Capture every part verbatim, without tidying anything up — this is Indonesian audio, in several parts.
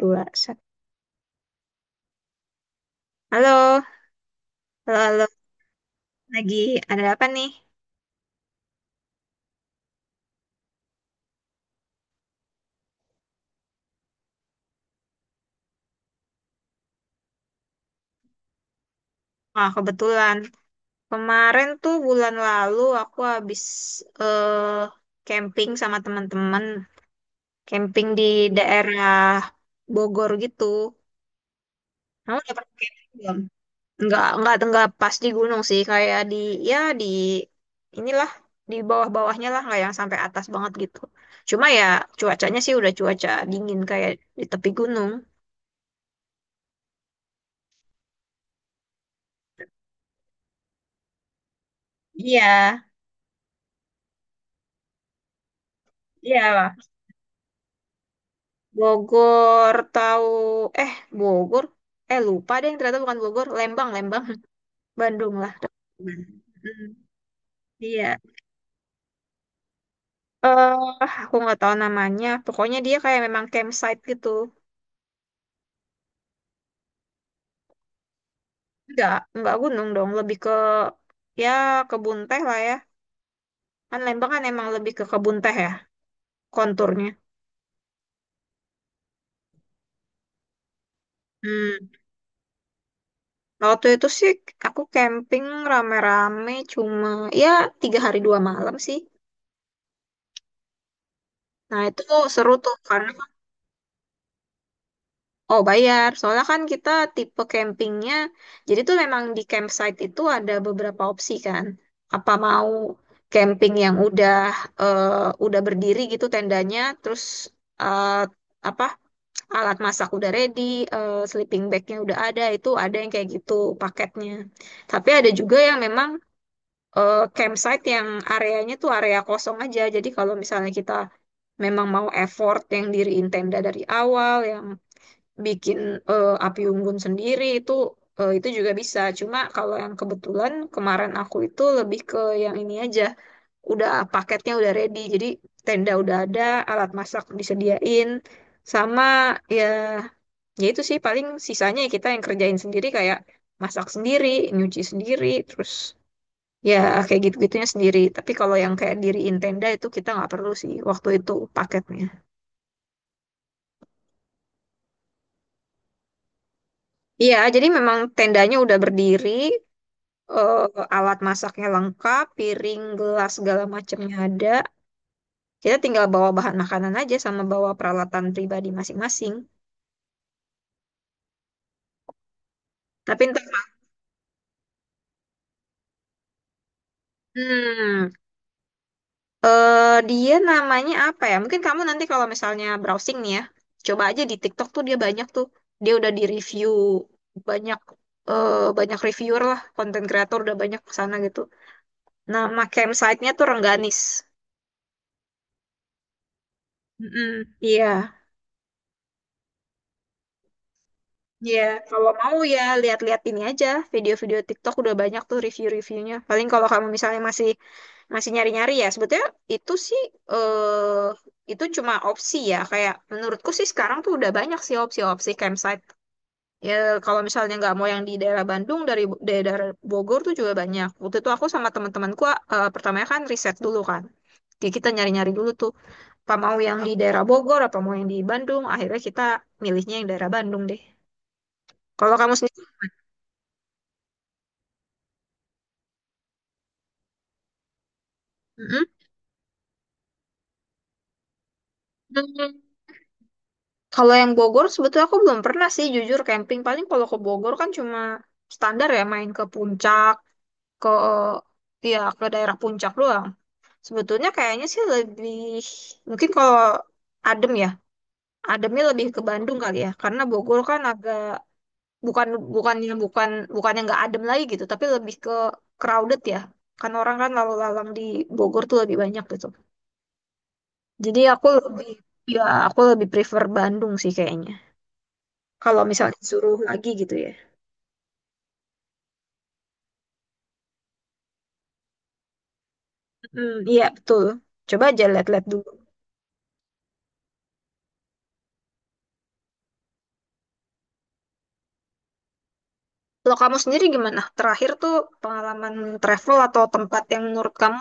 Dua satu. Halo, halo, halo. Lagi ada apa nih? Wah, kebetulan kemarin tuh bulan lalu aku habis eh, camping sama teman-teman, camping di daerah Bogor gitu. Kamu udah pernah camping belum? Nggak, nggak, nggak, pas di gunung sih, kayak di, ya di, inilah, di bawah-bawahnya lah, nggak yang sampai atas banget gitu. Cuma ya, cuacanya sih udah cuaca dingin kayak di tepi gunung. Iya. Iya. Bogor, tahu? Eh, Bogor, eh, lupa deh, ternyata bukan Bogor, Lembang, Lembang. Bandung lah. Mm, iya. Eh, aku nggak tahu namanya, pokoknya dia kayak memang campsite gitu. Enggak, enggak gunung dong, lebih ke, ya, kebun teh lah ya. Kan Lembang kan emang lebih ke kebun teh ya, konturnya. hmm Nah, waktu itu sih aku camping rame-rame, cuma ya tiga hari dua malam sih. Nah itu seru tuh karena. Oh, bayar. Soalnya kan kita tipe campingnya, jadi tuh memang di campsite itu ada beberapa opsi kan. Apa mau camping yang udah, eh, udah berdiri gitu tendanya, terus, eh, apa, alat masak udah ready, eh, sleeping bagnya udah ada, itu ada yang kayak gitu paketnya. Tapi ada juga yang memang, eh, campsite yang areanya tuh area kosong aja. Jadi kalau misalnya kita memang mau effort yang diriin tenda dari awal, yang bikin, eh, api unggun sendiri itu, eh, itu juga bisa. Cuma kalau yang kebetulan kemarin aku itu lebih ke yang ini aja, udah paketnya udah ready. Jadi tenda udah ada, alat masak disediain, sama, ya, ya itu sih paling sisanya ya kita yang kerjain sendiri kayak masak sendiri, nyuci sendiri, terus ya kayak gitu-gitunya sendiri. Tapi kalau yang kayak diriin tenda itu kita nggak perlu sih waktu itu paketnya. Iya, jadi memang tendanya udah berdiri, eh, alat masaknya lengkap, piring, gelas, segala macamnya ada. Kita tinggal bawa bahan makanan aja sama bawa peralatan pribadi masing-masing. Tapi entar, hmm, eh, dia namanya apa ya? Mungkin kamu nanti kalau misalnya browsing nih ya, coba aja di TikTok tuh dia banyak tuh. Dia udah di-review banyak, eh, banyak reviewer lah, konten kreator udah banyak kesana gitu. Nama campsite-nya tuh Rengganis. Mm-mm, iya. Iya, kalau mau ya lihat-lihat ini aja, video-video TikTok udah banyak tuh review-reviewnya. Paling kalau kamu misalnya masih masih nyari-nyari ya, sebetulnya itu sih, eh, itu cuma opsi ya. Kayak menurutku sih sekarang tuh udah banyak sih opsi-opsi campsite. Ya kalau misalnya nggak mau yang di daerah Bandung, dari dari daerah Bogor tuh juga banyak. Waktu itu aku sama teman-temanku, eh, pertamanya kan riset dulu kan. Kayak kita nyari-nyari dulu tuh, apa mau yang di daerah Bogor, apa mau yang di Bandung. Akhirnya kita milihnya yang daerah Bandung deh. Kalau kamu sendiri. Mm-mm. Hmm, kalau yang Bogor sebetulnya aku belum pernah sih jujur camping. Paling kalau ke Bogor kan cuma standar ya main ke puncak, ke, ya ke daerah puncak doang. Sebetulnya kayaknya sih lebih mungkin kalau adem ya, ademnya lebih ke Bandung kali ya. Karena Bogor kan agak bukan bukannya bukan bukannya nggak adem lagi gitu, tapi lebih ke crowded ya. Kan orang kan lalu-lalang di Bogor tuh lebih banyak gitu. Jadi aku lebih, ya aku lebih prefer Bandung sih kayaknya. Kalau misalnya disuruh lagi gitu ya. Hmm, iya betul. Coba aja lihat-lihat dulu. Kalau kamu sendiri gimana? Terakhir tuh pengalaman travel atau tempat yang menurut kamu,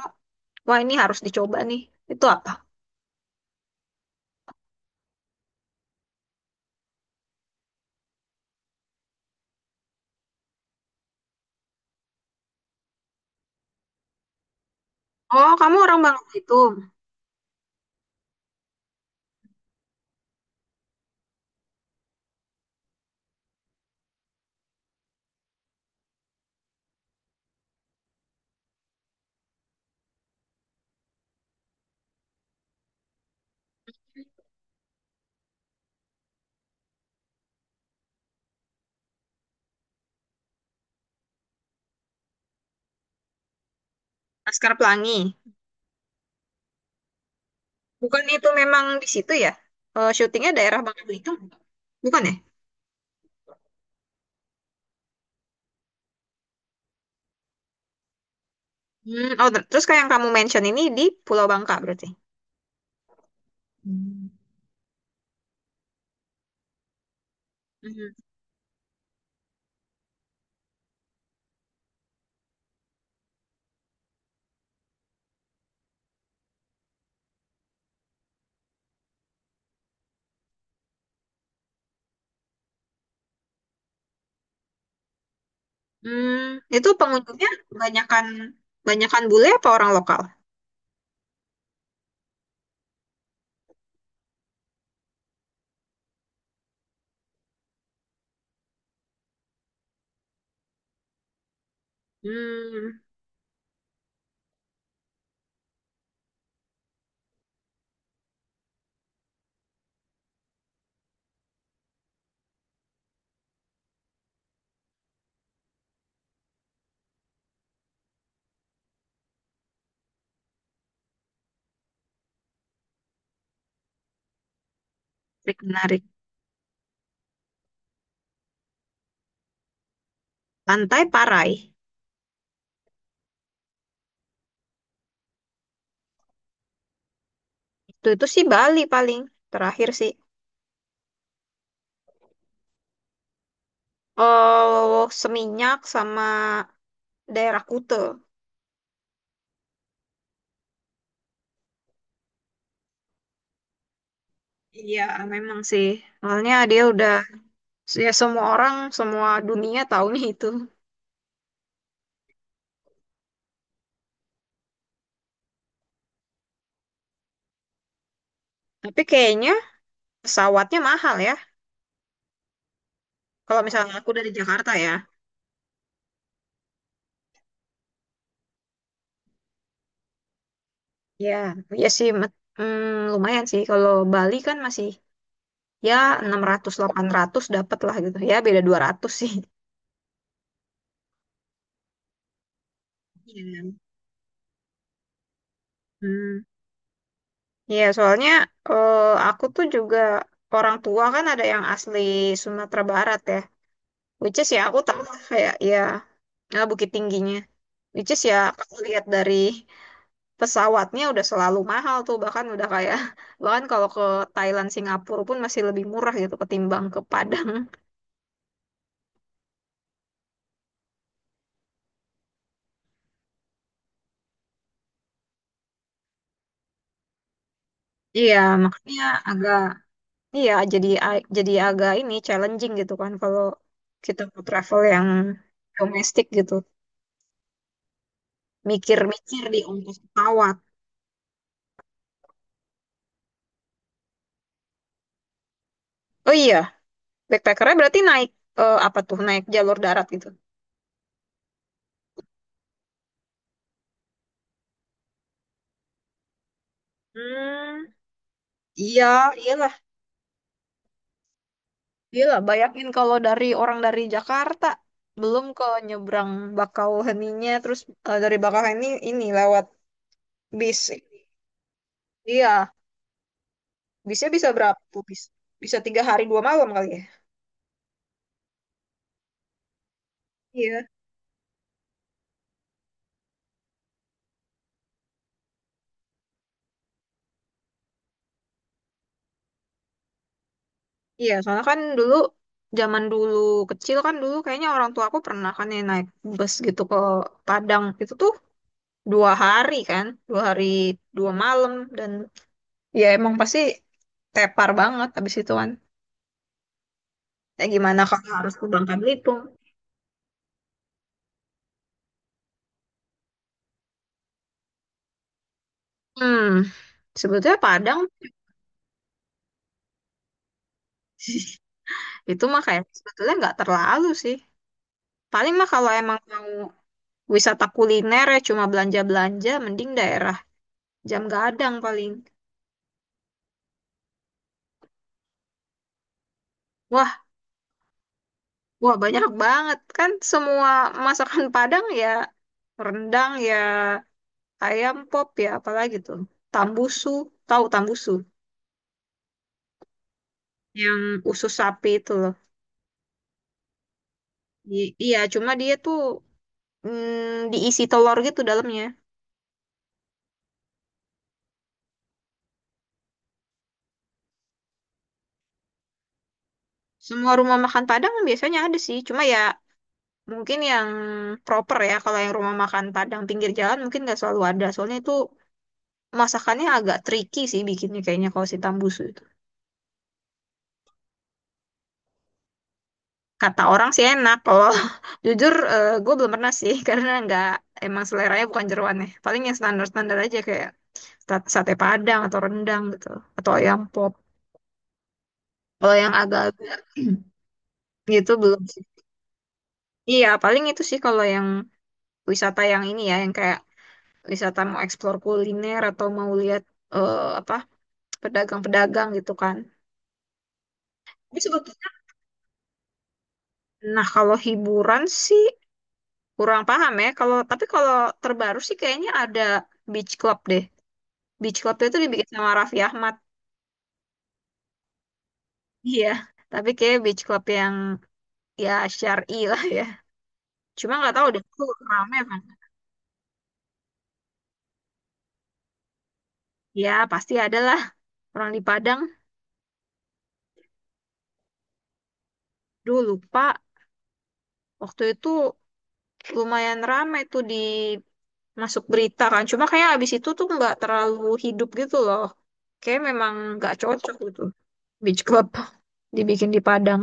wah ini harus dicoba nih. Itu apa? Oh, kamu orang Bangka itu. Laskar Pelangi. Bukan itu memang di situ ya? Eh, syutingnya daerah Bangka bukan ya? Hmm, oh, ter- terus kayak yang kamu mention ini di Pulau Bangka berarti. Hmm. Mhm. Hmm, itu pengunjungnya banyakan banyakan bule apa orang lokal? Hmm, menarik, menarik. Pantai Parai. Itu itu sih Bali paling terakhir sih. Oh, Seminyak sama daerah Kute. Iya, memang sih. Soalnya dia udah, ya semua orang, semua dunia tahu nih itu. Tapi kayaknya pesawatnya mahal ya. Kalau misalnya aku dari Jakarta ya. Ya, ya sih met- hmm, lumayan sih. Kalau Bali kan masih ya enam ratus delapan ratus dapat lah gitu. Ya beda dua ratus sih. Iya. Hmm. Iya, soalnya, eh, aku tuh juga orang tua kan ada yang asli Sumatera Barat ya. Which is ya aku tahu lah kayak ya, eh, Bukit Tingginya. Which is ya kalau lihat dari pesawatnya udah selalu mahal tuh bahkan udah kayak bahkan kalau ke Thailand Singapura pun masih lebih murah gitu ketimbang ke Padang. Iya, makanya agak, iya jadi a- jadi agak ini challenging gitu kan kalau kita mau travel yang domestik gitu. Mikir-mikir di ongkos pesawat. Oh iya, Backpackernya berarti naik, eh, apa tuh? Naik jalur darat gitu. Hmm, iya, iyalah, iyalah. Bayangin kalau dari orang dari Jakarta belum ke nyebrang Bakauheninya, terus, eh, dari Bakauheni ini lewat bis. Iya, bisnya bisa berapa tuh bis? Bisa tiga hari dua malam kali ya? Iya, iya. Soalnya kan dulu zaman dulu kecil kan dulu kayaknya orang tua aku pernah kan ya naik bus gitu ke Padang itu tuh dua hari kan, dua hari dua malam dan ya emang pasti tepar banget abis itu kan. Ya gimana kalau harus ke Bangka Belitung? Hmm, sebetulnya Padang itu mah kayak sebetulnya nggak terlalu sih. Paling mah kalau emang mau wisata kuliner ya cuma belanja-belanja, mending daerah Jam Gadang paling. Wah, wah banyak banget kan semua masakan Padang ya, rendang ya, ayam pop ya, apalagi tuh, tambusu, tahu tambusu, yang usus sapi itu loh. I- iya cuma dia tuh, mm, diisi telur gitu dalamnya. Semua rumah makan Padang biasanya ada sih, cuma ya mungkin yang proper ya. Kalau yang rumah makan Padang pinggir jalan mungkin nggak selalu ada. Soalnya itu masakannya agak tricky sih bikinnya kayaknya kalau si tambusu itu. Kata orang sih enak, kalau jujur gue belum pernah sih karena nggak, emang seleranya bukan jeroannya. Paling yang standar-standar aja kayak sat- sate Padang atau rendang gitu atau ayam pop. Kalau yang agak gitu belum sih. Iya, paling itu sih kalau yang wisata yang ini ya, yang kayak wisata mau eksplor kuliner atau mau lihat, eh, apa, pedagang-pedagang gitu kan. Tapi sebetulnya, nah kalau hiburan sih kurang paham ya. Kalau tapi kalau terbaru sih kayaknya ada beach club deh. Beach club itu dibikin sama Raffi Ahmad. Iya, tapi kayak beach club yang, ya, syar'i lah ya. Cuma nggak tahu deh, itu rame kan? Ya pasti ada lah orang di Padang. Duh lupa, waktu itu lumayan rame tuh di masuk berita kan. Cuma kayak abis itu tuh nggak terlalu hidup gitu loh. Kayak memang nggak cocok gitu. Beach Club dibikin di Padang.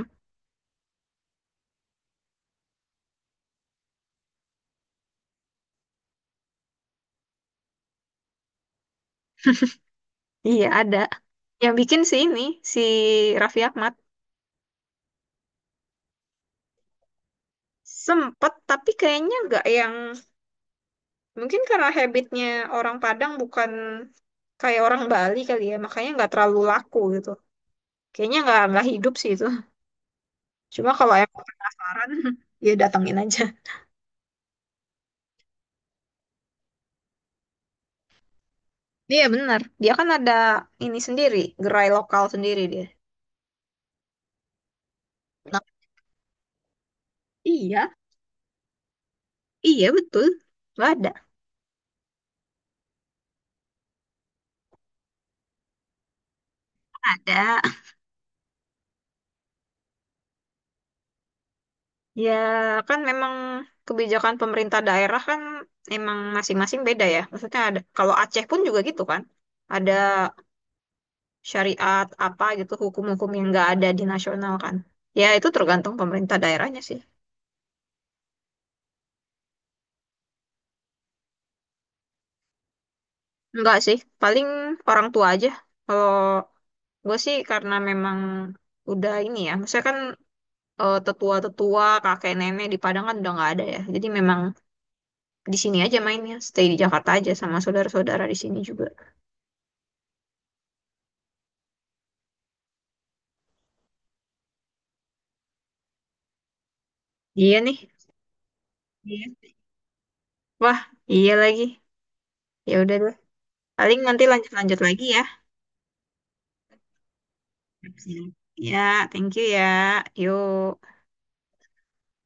Iya ada. Yang bikin si ini, si Raffi Ahmad sempet tapi kayaknya nggak yang mungkin karena habitnya orang Padang bukan kayak orang Bali kali ya makanya nggak terlalu laku gitu. Kayaknya nggak nggak hidup sih itu. Cuma kalau emang penasaran ya datangin aja. Iya benar. Dia kan ada ini sendiri, gerai lokal sendiri dia. Iya, iya betul. Nggak ada. Ada. Ya kan memang kebijakan pemerintah daerah kan emang masing-masing beda ya. Maksudnya ada, kalau Aceh pun juga gitu kan. Ada syariat apa gitu, hukum-hukum yang nggak ada di nasional kan. Ya itu tergantung pemerintah daerahnya sih. Enggak sih, paling orang tua aja. Kalau gue sih karena memang udah ini ya. Maksudnya kan, eh, tetua-tetua, kakek nenek di Padang kan udah nggak ada ya. Jadi memang di sini aja mainnya, stay di Jakarta aja sama saudara-saudara di sini juga. Iya nih. Iya. Wah, iya lagi. Ya udah deh. Paling nanti lanjut-lanjut lagi ya. Siap. Ya, thank you ya. Yuk.